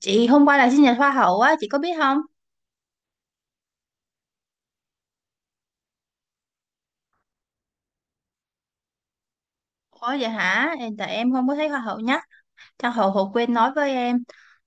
Chị hôm qua là sinh nhật hoa hậu á, chị có biết không? Ủa vậy hả? Tại em không có thấy hoa hậu nhắc. Chắc hậu hậu quên nói với em.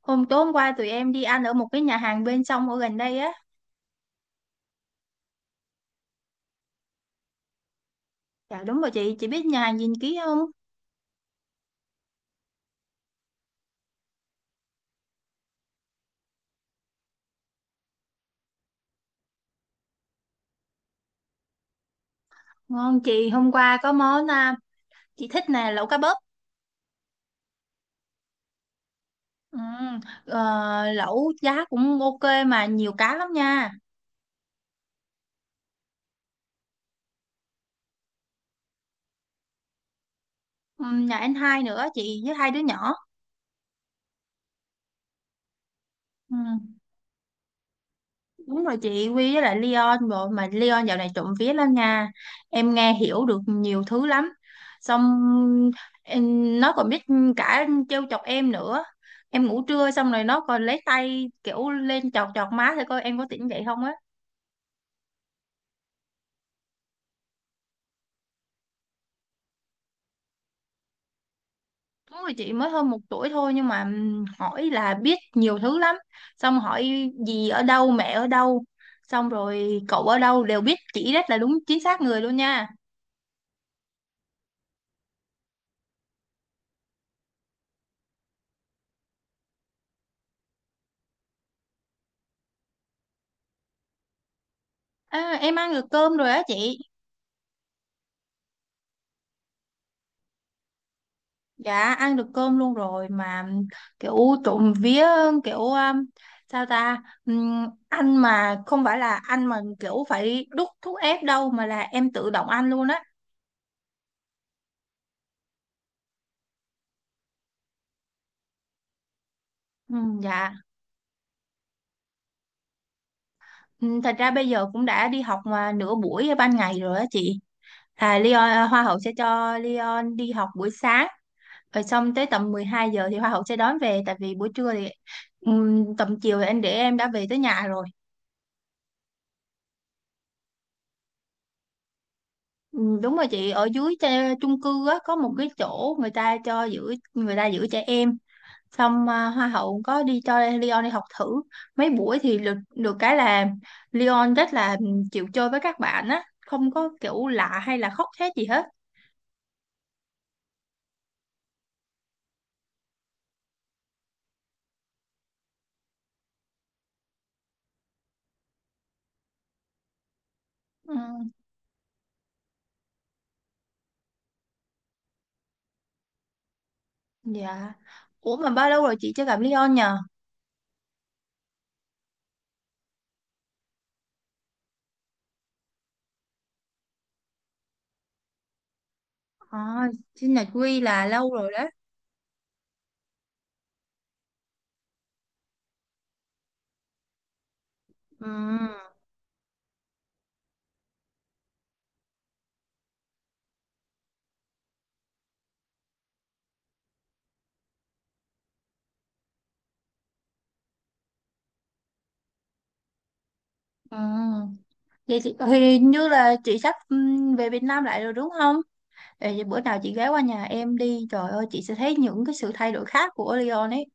Tối hôm qua tụi em đi ăn ở một cái nhà hàng bên sông ở gần đây á. Dạ đúng rồi chị biết nhà hàng gìn ký không? Ngon chị, hôm qua có món chị thích nè, lẩu cá bớp. Ừ, lẩu giá cũng ok mà nhiều cá lắm nha. Ừ, nhà anh hai nữa chị với hai đứa nhỏ. Ừ. Đúng rồi chị, Quy với lại Leon. Bộ mà Leon dạo này trộm vía lắm nha, em nghe hiểu được nhiều thứ lắm. Xong nó còn biết cả trêu chọc em nữa. Em ngủ trưa xong rồi nó còn lấy tay kiểu lên chọc chọc má thì coi em có tỉnh dậy không á. Đúng rồi chị, mới hơn 1 tuổi thôi nhưng mà hỏi là biết nhiều thứ lắm. Xong hỏi gì ở đâu, mẹ ở đâu, xong rồi cậu ở đâu đều biết, chỉ rất là đúng chính xác người luôn nha. À, em ăn được cơm rồi á chị. Dạ ăn được cơm luôn rồi mà kiểu, trộm vía, kiểu sao ta. Ăn mà không phải là ăn mà kiểu phải đút thuốc ép đâu mà là em tự động ăn luôn á. Dạ. Thật ra bây giờ cũng đã đi học mà nửa buổi ban ngày rồi á chị. À, Leon, à, Hoa hậu sẽ cho Leon đi học buổi sáng, rồi xong tới tầm 12 giờ thì Hoa hậu sẽ đón về, tại vì buổi trưa thì tầm chiều thì anh để em đã về tới nhà rồi. Ừ, đúng rồi chị, ở dưới chung cư á, có một cái chỗ người ta cho giữ, người ta giữ trẻ em. Xong hoa hậu cũng có đi cho Leon đi học thử mấy buổi thì được được cái là Leon rất là chịu chơi với các bạn á, không có kiểu lạ hay là khóc thét gì hết. Ừ, dạ. Ủa mà bao lâu rồi chị chưa gặp Leon nhờ? À, sinh nhật Quy là lâu rồi đó. Ừ, ừ. Vậy chị thì như là chị sắp về Việt Nam lại rồi, đúng không? Ê, vậy bữa nào chị ghé qua nhà em đi, trời ơi, chị sẽ thấy những cái sự thay đổi khác của Leon ấy.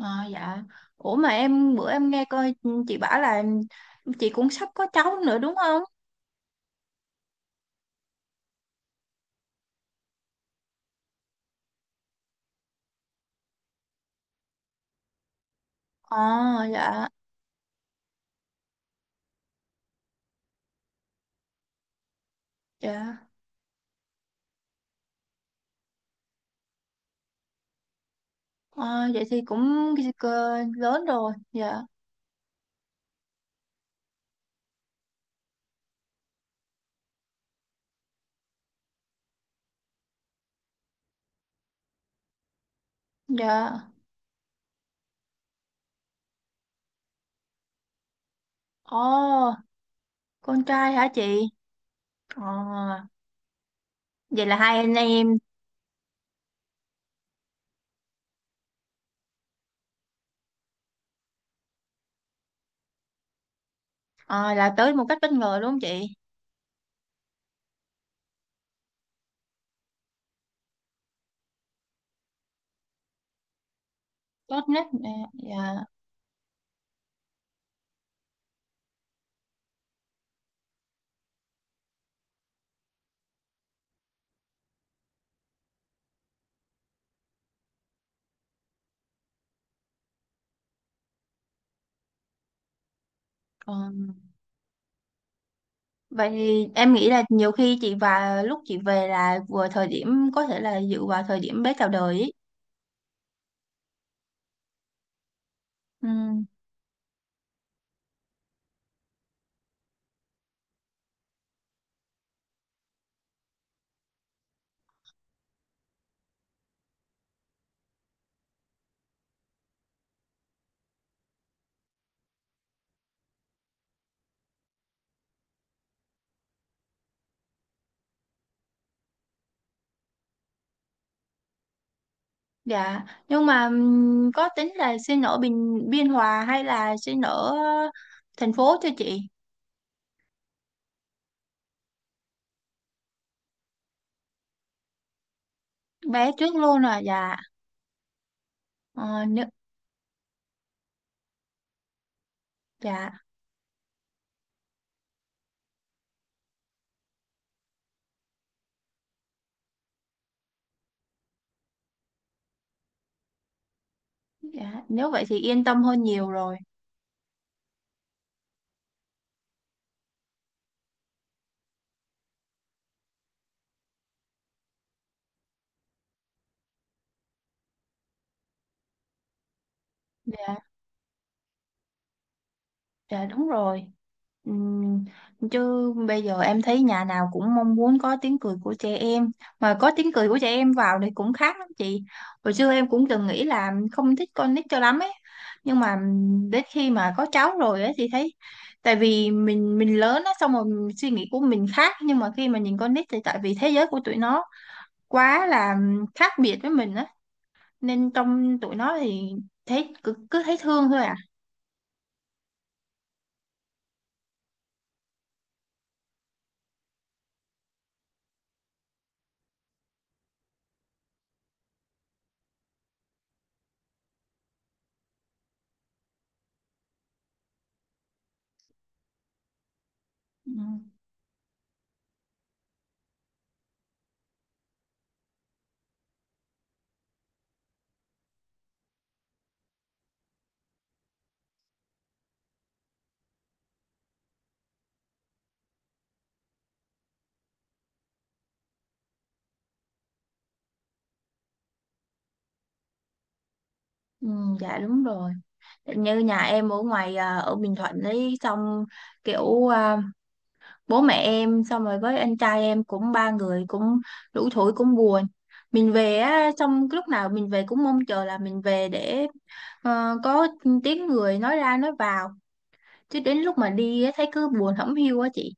À, dạ. Ủa mà bữa em nghe coi chị bảo là chị cũng sắp có cháu nữa, đúng không? Ờ. Dạ, dạ. Ờ, vậy thì cũng lớn rồi. Dạ. Dạ. Ồ, con trai hả chị? Ờ, vậy là hai anh em. Ờ, là tới một cách bất ngờ đúng không chị? Tốt nhất. Dạ, dạ. Ờ. Vậy thì em nghĩ là nhiều khi chị và lúc chị về là vừa thời điểm có thể là dự vào thời điểm bé chào đời ý. Ừ. Dạ, nhưng mà có tính là xin ở Bình Biên Hòa hay là xin ở thành phố cho chị? Bé trước luôn à, dạ. Ờ, nếu, dạ, dạ, nếu vậy thì yên tâm hơn nhiều rồi. Dạ, dạ đúng rồi. Ừm, Chứ bây giờ em thấy nhà nào cũng mong muốn có tiếng cười của trẻ em, mà có tiếng cười của trẻ em vào thì cũng khác lắm chị. Hồi xưa em cũng từng nghĩ là không thích con nít cho lắm ấy, nhưng mà đến khi mà có cháu rồi ấy thì thấy, tại vì mình lớn á, xong rồi suy nghĩ của mình khác, nhưng mà khi mà nhìn con nít thì tại vì thế giới của tụi nó quá là khác biệt với mình á, nên trong tụi nó thì thấy cứ thấy thương thôi à. Ừ, ừ, dạ đúng rồi. Như nhà em ở ngoài à, ở Bình Thuận ấy, xong kiểu bố mẹ em xong rồi với anh trai em cũng ba người cũng đủ tuổi cũng buồn. Mình về á, xong lúc nào mình về cũng mong chờ là mình về để có tiếng người nói ra nói vào, chứ đến lúc mà đi á, thấy cứ buồn hổng hiu á chị.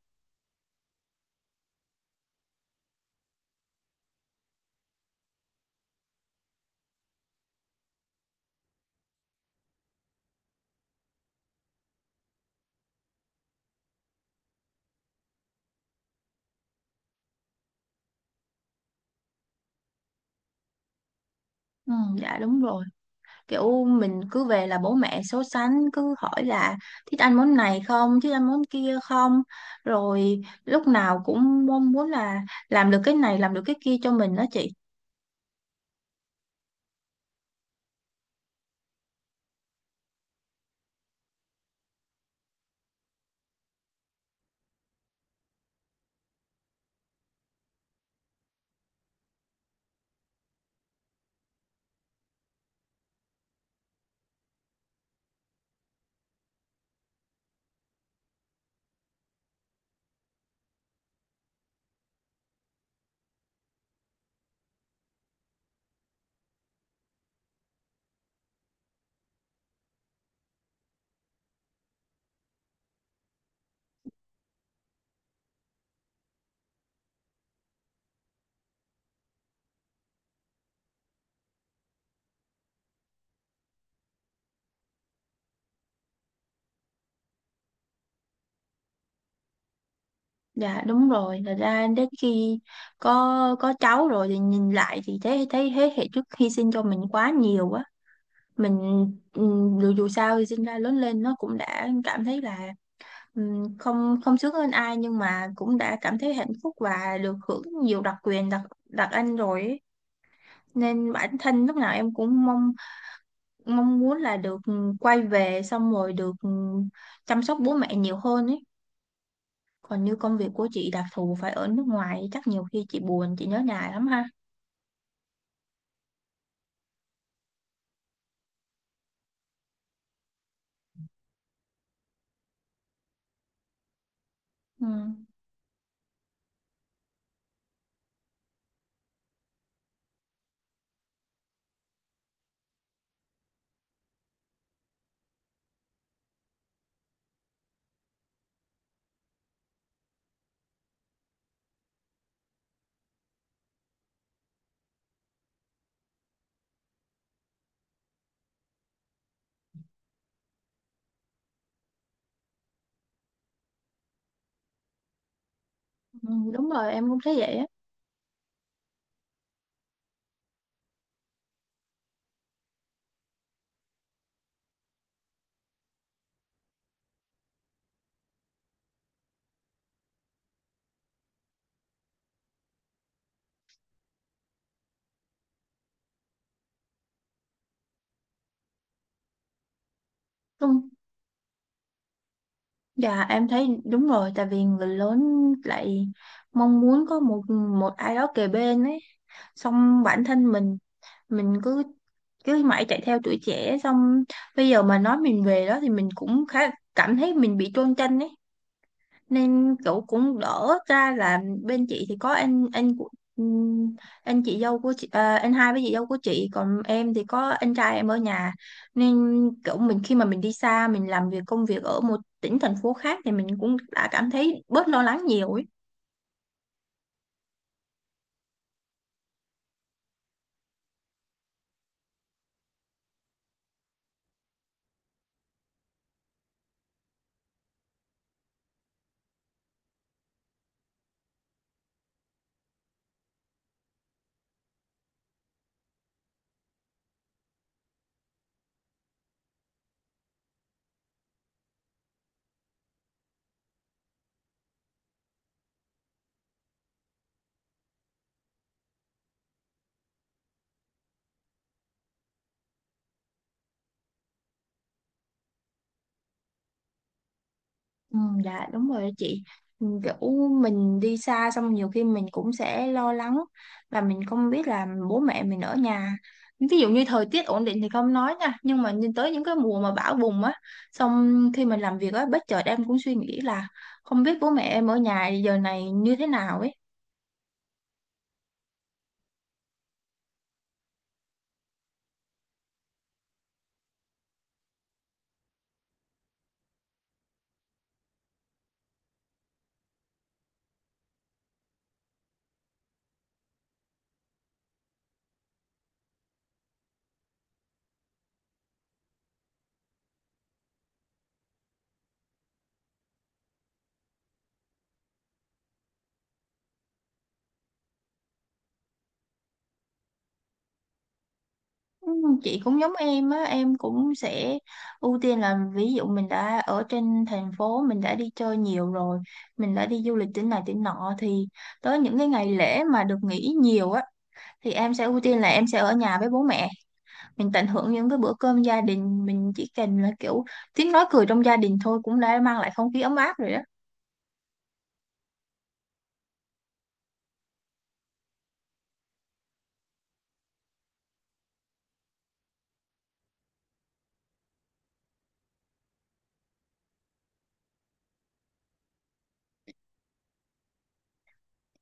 Ừ, dạ đúng rồi. Kiểu mình cứ về là bố mẹ so sánh, cứ hỏi là thích ăn món này không, thích ăn món kia không, rồi lúc nào cũng mong muốn là làm được cái này làm được cái kia cho mình đó chị. Dạ đúng rồi, thật ra đến khi có cháu rồi thì nhìn lại thì thấy thấy thế hệ trước hy sinh cho mình quá nhiều á. Mình dù dù sao thì sinh ra lớn lên nó cũng đã cảm thấy là không không sướng hơn ai, nhưng mà cũng đã cảm thấy hạnh phúc và được hưởng nhiều đặc quyền đặc đặc anh rồi ấy. Nên bản thân lúc nào em cũng mong mong muốn là được quay về xong rồi được chăm sóc bố mẹ nhiều hơn ấy. Còn như công việc của chị đặc thù phải ở nước ngoài, chắc nhiều khi chị buồn, chị nhớ nhà lắm ha? Ừ. Ừ, đúng rồi em cũng thấy vậy á. Dạ em thấy đúng rồi, tại vì người lớn lại mong muốn có một một ai đó kề bên ấy, xong bản thân mình cứ cứ mãi chạy theo tuổi trẻ, xong bây giờ mà nói mình về đó thì mình cũng khá cảm thấy mình bị chôn chân ấy, nên cậu cũng đỡ ra là bên chị thì có anh của ừm, anh chị dâu của chị, anh hai với chị dâu của chị, còn em thì có anh trai em ở nhà, nên kiểu mình khi mà mình đi xa mình làm việc công việc ở một tỉnh thành phố khác thì mình cũng đã cảm thấy bớt lo lắng nhiều ấy. Ừ, dạ đúng rồi đó chị. Ừ, kiểu mình đi xa xong nhiều khi mình cũng sẽ lo lắng và mình không biết là bố mẹ mình ở nhà, ví dụ như thời tiết ổn định thì không nói nha, nhưng mà nhìn tới những cái mùa mà bão bùng á, xong khi mình làm việc á bất chợt em cũng suy nghĩ là không biết bố mẹ em ở nhà giờ này như thế nào ấy. Ừ, Chị cũng giống em á, em cũng sẽ ưu tiên là ví dụ mình đã ở trên thành phố, mình đã đi chơi nhiều rồi, mình đã đi du lịch tỉnh này tỉnh nọ thì tới những cái ngày lễ mà được nghỉ nhiều á thì em sẽ ưu tiên là em sẽ ở nhà với bố mẹ, mình tận hưởng những cái bữa cơm gia đình, mình chỉ cần là kiểu tiếng nói cười trong gia đình thôi cũng đã mang lại không khí ấm áp rồi đó.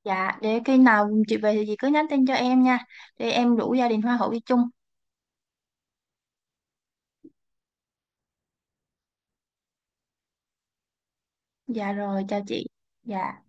Dạ, để khi nào chị về thì chị cứ nhắn tin cho em nha, để em rủ gia đình hoa hậu đi chung. Dạ rồi, chào chị. Dạ.